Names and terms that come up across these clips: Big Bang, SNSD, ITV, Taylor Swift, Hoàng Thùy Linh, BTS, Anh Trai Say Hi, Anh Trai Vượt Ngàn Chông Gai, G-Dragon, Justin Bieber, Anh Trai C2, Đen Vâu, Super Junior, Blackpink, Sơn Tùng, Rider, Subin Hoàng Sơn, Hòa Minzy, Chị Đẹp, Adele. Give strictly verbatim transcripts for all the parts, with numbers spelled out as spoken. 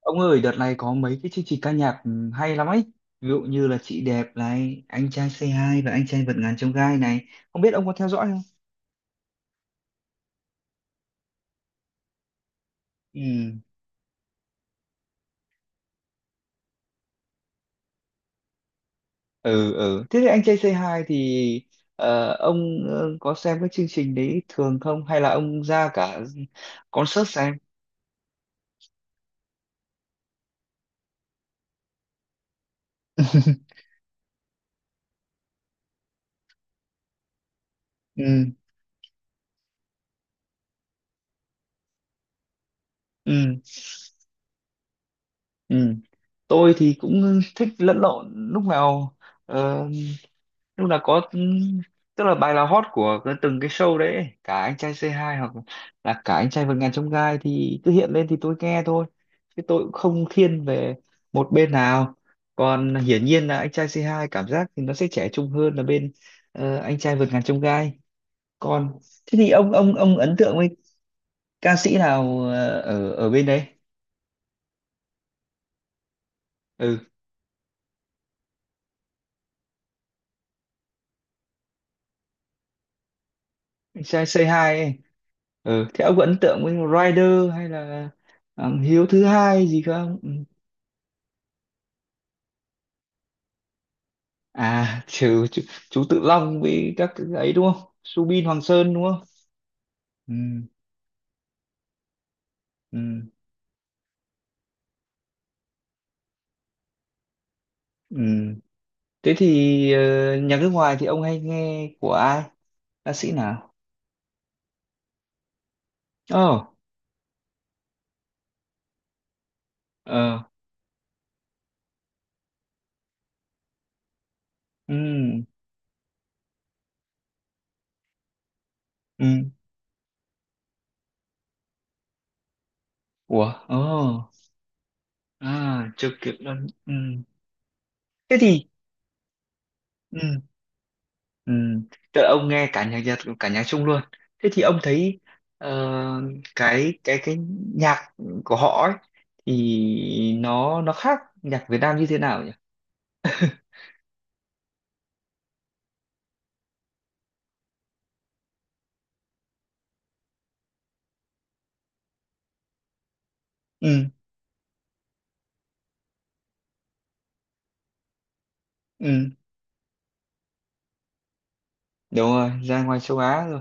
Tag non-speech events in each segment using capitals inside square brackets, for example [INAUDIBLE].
Ông ơi, đợt này có mấy cái chương trình ca nhạc ừ, hay lắm ấy. Ví dụ như là Chị Đẹp này, Anh Trai Say Hi và Anh Trai Vượt Ngàn Chông Gai này. Không biết ông có theo dõi không? Ừ, ừ, ừ. Thế thì Anh Trai Say Hi thì ờ, ông ờ, có xem cái chương trình đấy thường không? Hay là ông ra cả concert xem? [LAUGHS] Ừ, ừ, ừ, tôi thì cũng thích lẫn lộn lúc nào. Ờ, lúc nào có, tức là bài là hot của cái- từng cái show đấy ấy. Cả anh trai xê hai hoặc là cả anh trai vượt ngàn chông gai thì cứ hiện lên thì tôi nghe thôi, chứ tôi cũng không thiên về một bên nào. Còn hiển nhiên là anh trai xê hai cảm giác thì nó sẽ trẻ trung hơn là bên ờ, anh trai vượt ngàn chông gai. Còn thế thì ông ông ông ấn tượng với ca sĩ nào ờ, ở ở bên đấy? Ừ, anh trai xê hai ấy. Ừ, thế ông có ấn tượng với Rider hay là ờ, Hiếu thứ hai gì không? Ừ. À, chú, chú, chú Tự Long với các cái ấy đúng không? Subin Hoàng Sơn đúng không? Ừ, ừ, ừ. Thế thì ờ, nhạc nước ngoài thì ông hay nghe của ai, ca sĩ nào? Ồ, ờ, ừ, ừ, ủa, ồ, à, chưa kịp luôn, ừ. Thế thì, ừ, ừ, tức là ông nghe cả nhạc Nhật, cả nhạc Trung luôn. Thế thì ông thấy ờ, cái cái cái nhạc của họ ấy, thì nó nó khác nhạc Việt Nam như thế nào nhỉ? Ừ, ừ, đúng rồi, ra ngoài châu Á rồi.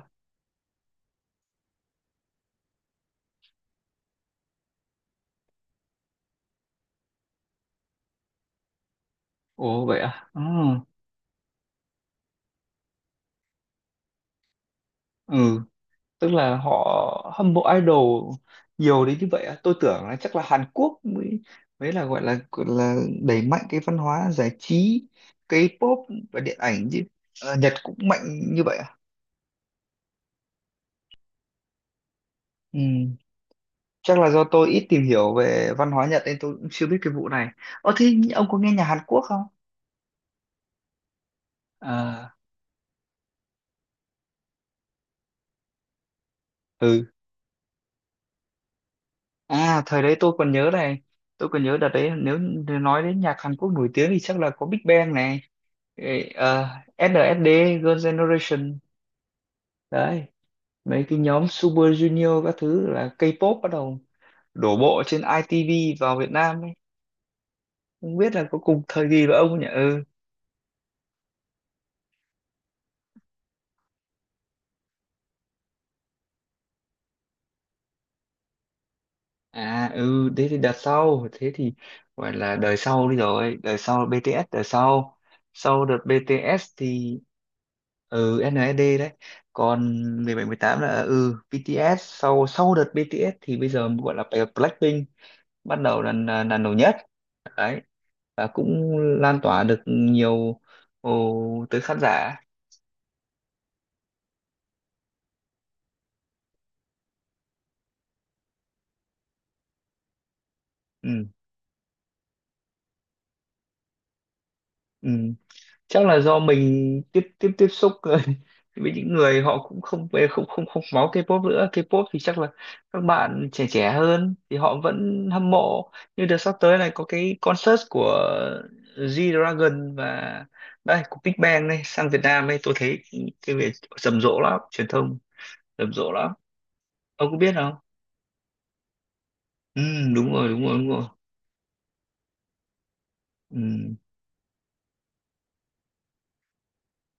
Ồ, vậy à. Ừ, ừ, tức là họ hâm mộ idol nhiều đến như vậy à? Tôi tưởng là chắc là Hàn Quốc mới mới là gọi là gọi là đẩy mạnh cái văn hóa giải trí K-pop và điện ảnh chứ. Ờ, Nhật cũng mạnh như vậy à? Ừ, chắc là do tôi ít tìm hiểu về văn hóa Nhật nên tôi cũng chưa biết cái vụ này. Ờ, thế ông có nghe nhạc Hàn Quốc không? À, ừ. À, thời đấy tôi còn nhớ này, tôi còn nhớ đợt đấy, nếu như nói đến nhạc Hàn Quốc nổi tiếng thì chắc là có Big Bang này, ê, ờ, ét en ét đê, Girls' Generation, đấy, mấy cái nhóm Super Junior các thứ, là K-pop bắt đầu đổ bộ trên i tê vê vào Việt Nam ấy. Không biết là có cùng thời kỳ với ông nhỉ? Ừ. À, ừ, thế thì đợt sau, thế thì gọi là đời sau đi rồi, đời sau bê tê ét đời sau. Sau đợt bê tê ét thì ừ ét en ét đê đấy, còn mười bảy mười tám là ừ bê tê ét. Sau Sau đợt bi ti es thì bây giờ gọi là Blackpink bắt đầu là là, là nổi nhất đấy, và cũng lan tỏa được nhiều, ồ, tới khán giả. Ừ, ừ. Chắc là do mình tiếp tiếp tiếp xúc [LAUGHS] với những người họ cũng không về không không không máu K-pop nữa. K-pop thì chắc là các bạn trẻ trẻ hơn thì họ vẫn hâm mộ. Như đợt sắp tới này có cái concert của G-Dragon và đây của Big Bang này sang Việt Nam ấy, tôi thấy cái việc rầm rộ lắm, truyền thông rầm rộ lắm, ông có biết không? Ừ, đúng rồi, đúng rồi, đúng rồi. Ừ.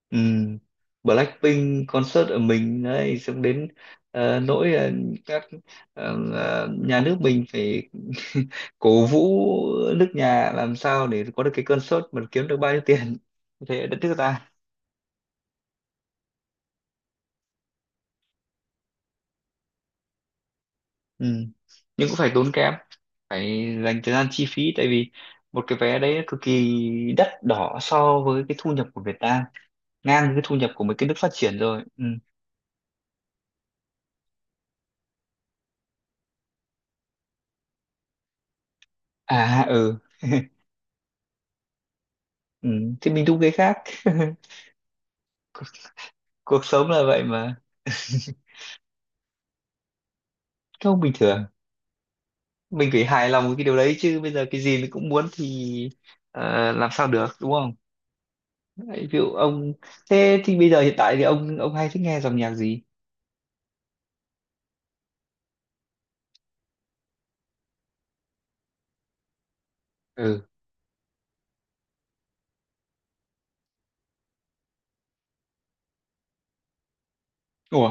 Ừ. Blackpink concert ở mình đấy, xong đến ờ, nỗi ờ, các ờ, ờ, nhà nước mình phải [LAUGHS] cổ vũ nước nhà làm sao để có được cái concert mà kiếm được bao nhiêu tiền thế ở đất nước ta. Ừ. Nhưng cũng phải tốn kém, phải dành thời gian chi phí, tại vì một cái vé đấy cực kỳ đắt đỏ so với cái thu nhập của Việt Nam, ngang với cái thu nhập của mấy cái nước phát triển rồi. Ừ. À, ừ. Ừ. Thì mình đúng cái khác. [LAUGHS] cuộc cuộc sống là vậy mà. Không, bình thường mình phải hài lòng với cái điều đấy chứ, bây giờ cái gì mình cũng muốn thì ờ, làm sao được đúng không? Đấy, ví dụ ông, thế thì bây giờ hiện tại thì ông ông hay thích nghe dòng nhạc gì? Ừ, ủa,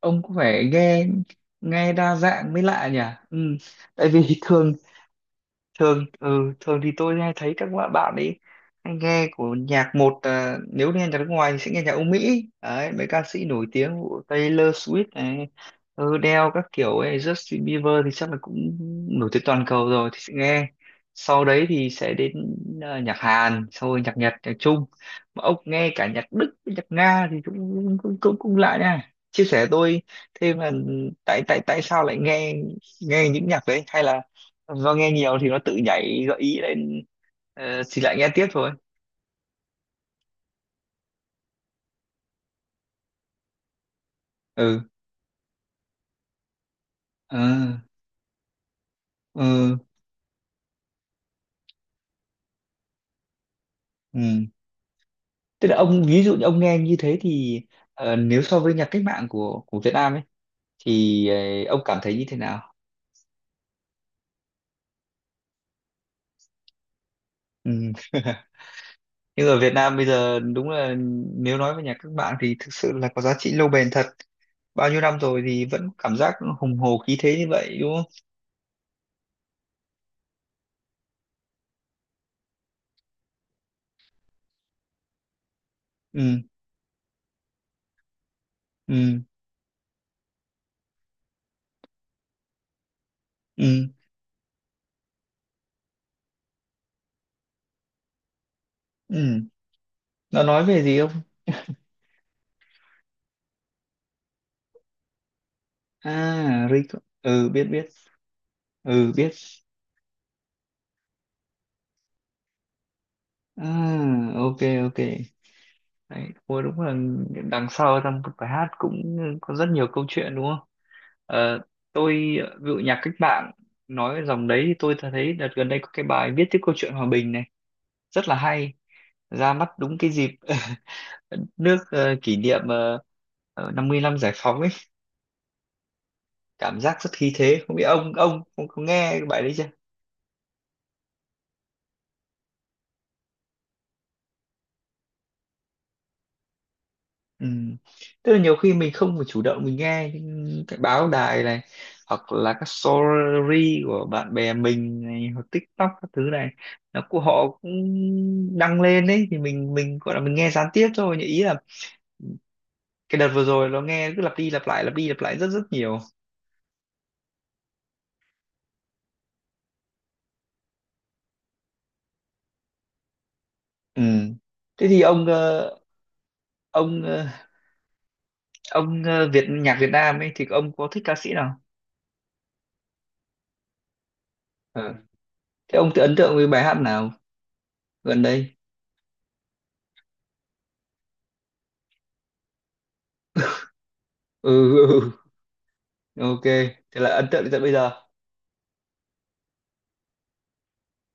ông cũng phải nghe, nghe đa dạng mới lạ nhỉ. Ừ, tại vì [LAUGHS] thường thường ừ, thường thì tôi hay thấy các bạn bạn ấy hay nghe của nhạc một à, nếu nghe nhạc nước ngoài thì sẽ nghe nhạc Âu Mỹ đấy, mấy ca sĩ nổi tiếng của Taylor Swift này, ừ, Adele các kiểu ấy, Justin Bieber thì chắc là cũng nổi tiếng toàn cầu rồi thì sẽ nghe, sau đấy thì sẽ đến à, nhạc Hàn, sau rồi nhạc Nhật, nhạc Trung. Mà ông nghe cả nhạc Đức nhạc Nga thì cũng cũng cũng, cũng lạ nha. Chia sẻ tôi thêm là tại tại tại sao lại nghe nghe những nhạc đấy, hay là do nghe nhiều thì nó tự nhảy gợi ý lên ờ, thì lại nghe tiếp thôi. Ừ, à, ừ, ừ. Tức là ông, ví dụ như ông nghe như thế thì ờ, nếu so với nhạc cách mạng của của Việt Nam ấy thì ờ, ông cảm thấy như thế nào? Ừ. [LAUGHS] Nhưng ở Việt Nam bây giờ đúng là, nếu nói về nhạc cách mạng thì thực sự là có giá trị lâu bền thật, bao nhiêu năm rồi thì vẫn cảm giác hùng hồ khí thế như vậy đúng không? Ừ, ừ, ừ, ừ, nó nói về gì không? À, Rico, ừ, biết biết, ừ, biết. À, ok, ok. Đấy, ôi đúng là đằng sau trong một bài hát cũng có rất nhiều câu chuyện đúng không? Ờ, tôi ví dụ nhạc cách mạng nói dòng đấy, thì tôi thấy đợt gần đây có cái bài viết tiếp câu chuyện hòa bình này, rất là hay, ra mắt đúng cái dịp [LAUGHS] nước ờ, kỷ niệm uh, năm mươi năm giải phóng ấy, cảm giác rất khí thế. Không biết ông ông ông có nghe cái bài đấy? Ừ. Tức là nhiều khi mình không phải chủ động mình nghe, những cái báo đài này hoặc là các story của bạn bè mình này, hoặc TikTok các thứ này, nó của họ cũng đăng lên đấy thì mình, mình gọi là mình nghe gián tiếp thôi, nhưng ý là cái đợt vừa rồi nó nghe cứ lặp đi lặp lại, lặp đi lặp lại rất rất nhiều. Ừ. Thế thì ông ờ, ông ờ, ông ờ, Việt nhạc Việt Nam ấy thì ông có thích ca sĩ nào? Ờ. Thế ông tự ấn tượng với bài hát nào gần đây? Ừ, ừ, ừ. [LAUGHS] Ok. Thế là ấn tượng đến tận bây giờ.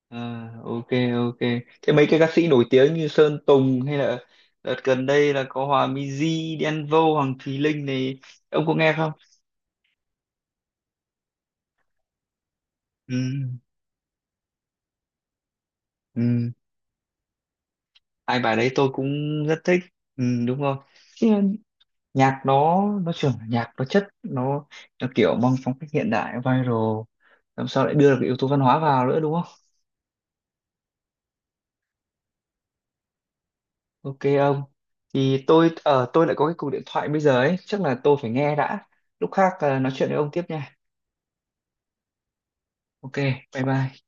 À, ok, ok. Thế mấy cái ca sĩ nổi tiếng như Sơn Tùng hay là đợt gần đây là có Hòa Minzy, Đen Vâu, Hoàng Thùy Linh này, ông có nghe không? Ừ, ừ. Hai bài đấy tôi cũng rất thích. Ừ, đúng rồi. Thế nhạc nó nó trưởng, nhạc nó chất nó nó kiểu mang phong cách hiện đại viral, làm sao lại đưa được cái yếu tố văn hóa vào nữa đúng không? Ok ông. Thì tôi ở tôi lại có cái cuộc điện thoại bây giờ ấy, chắc là tôi phải nghe đã. Lúc khác à, nói chuyện với ông tiếp nha. Ok, bye bye.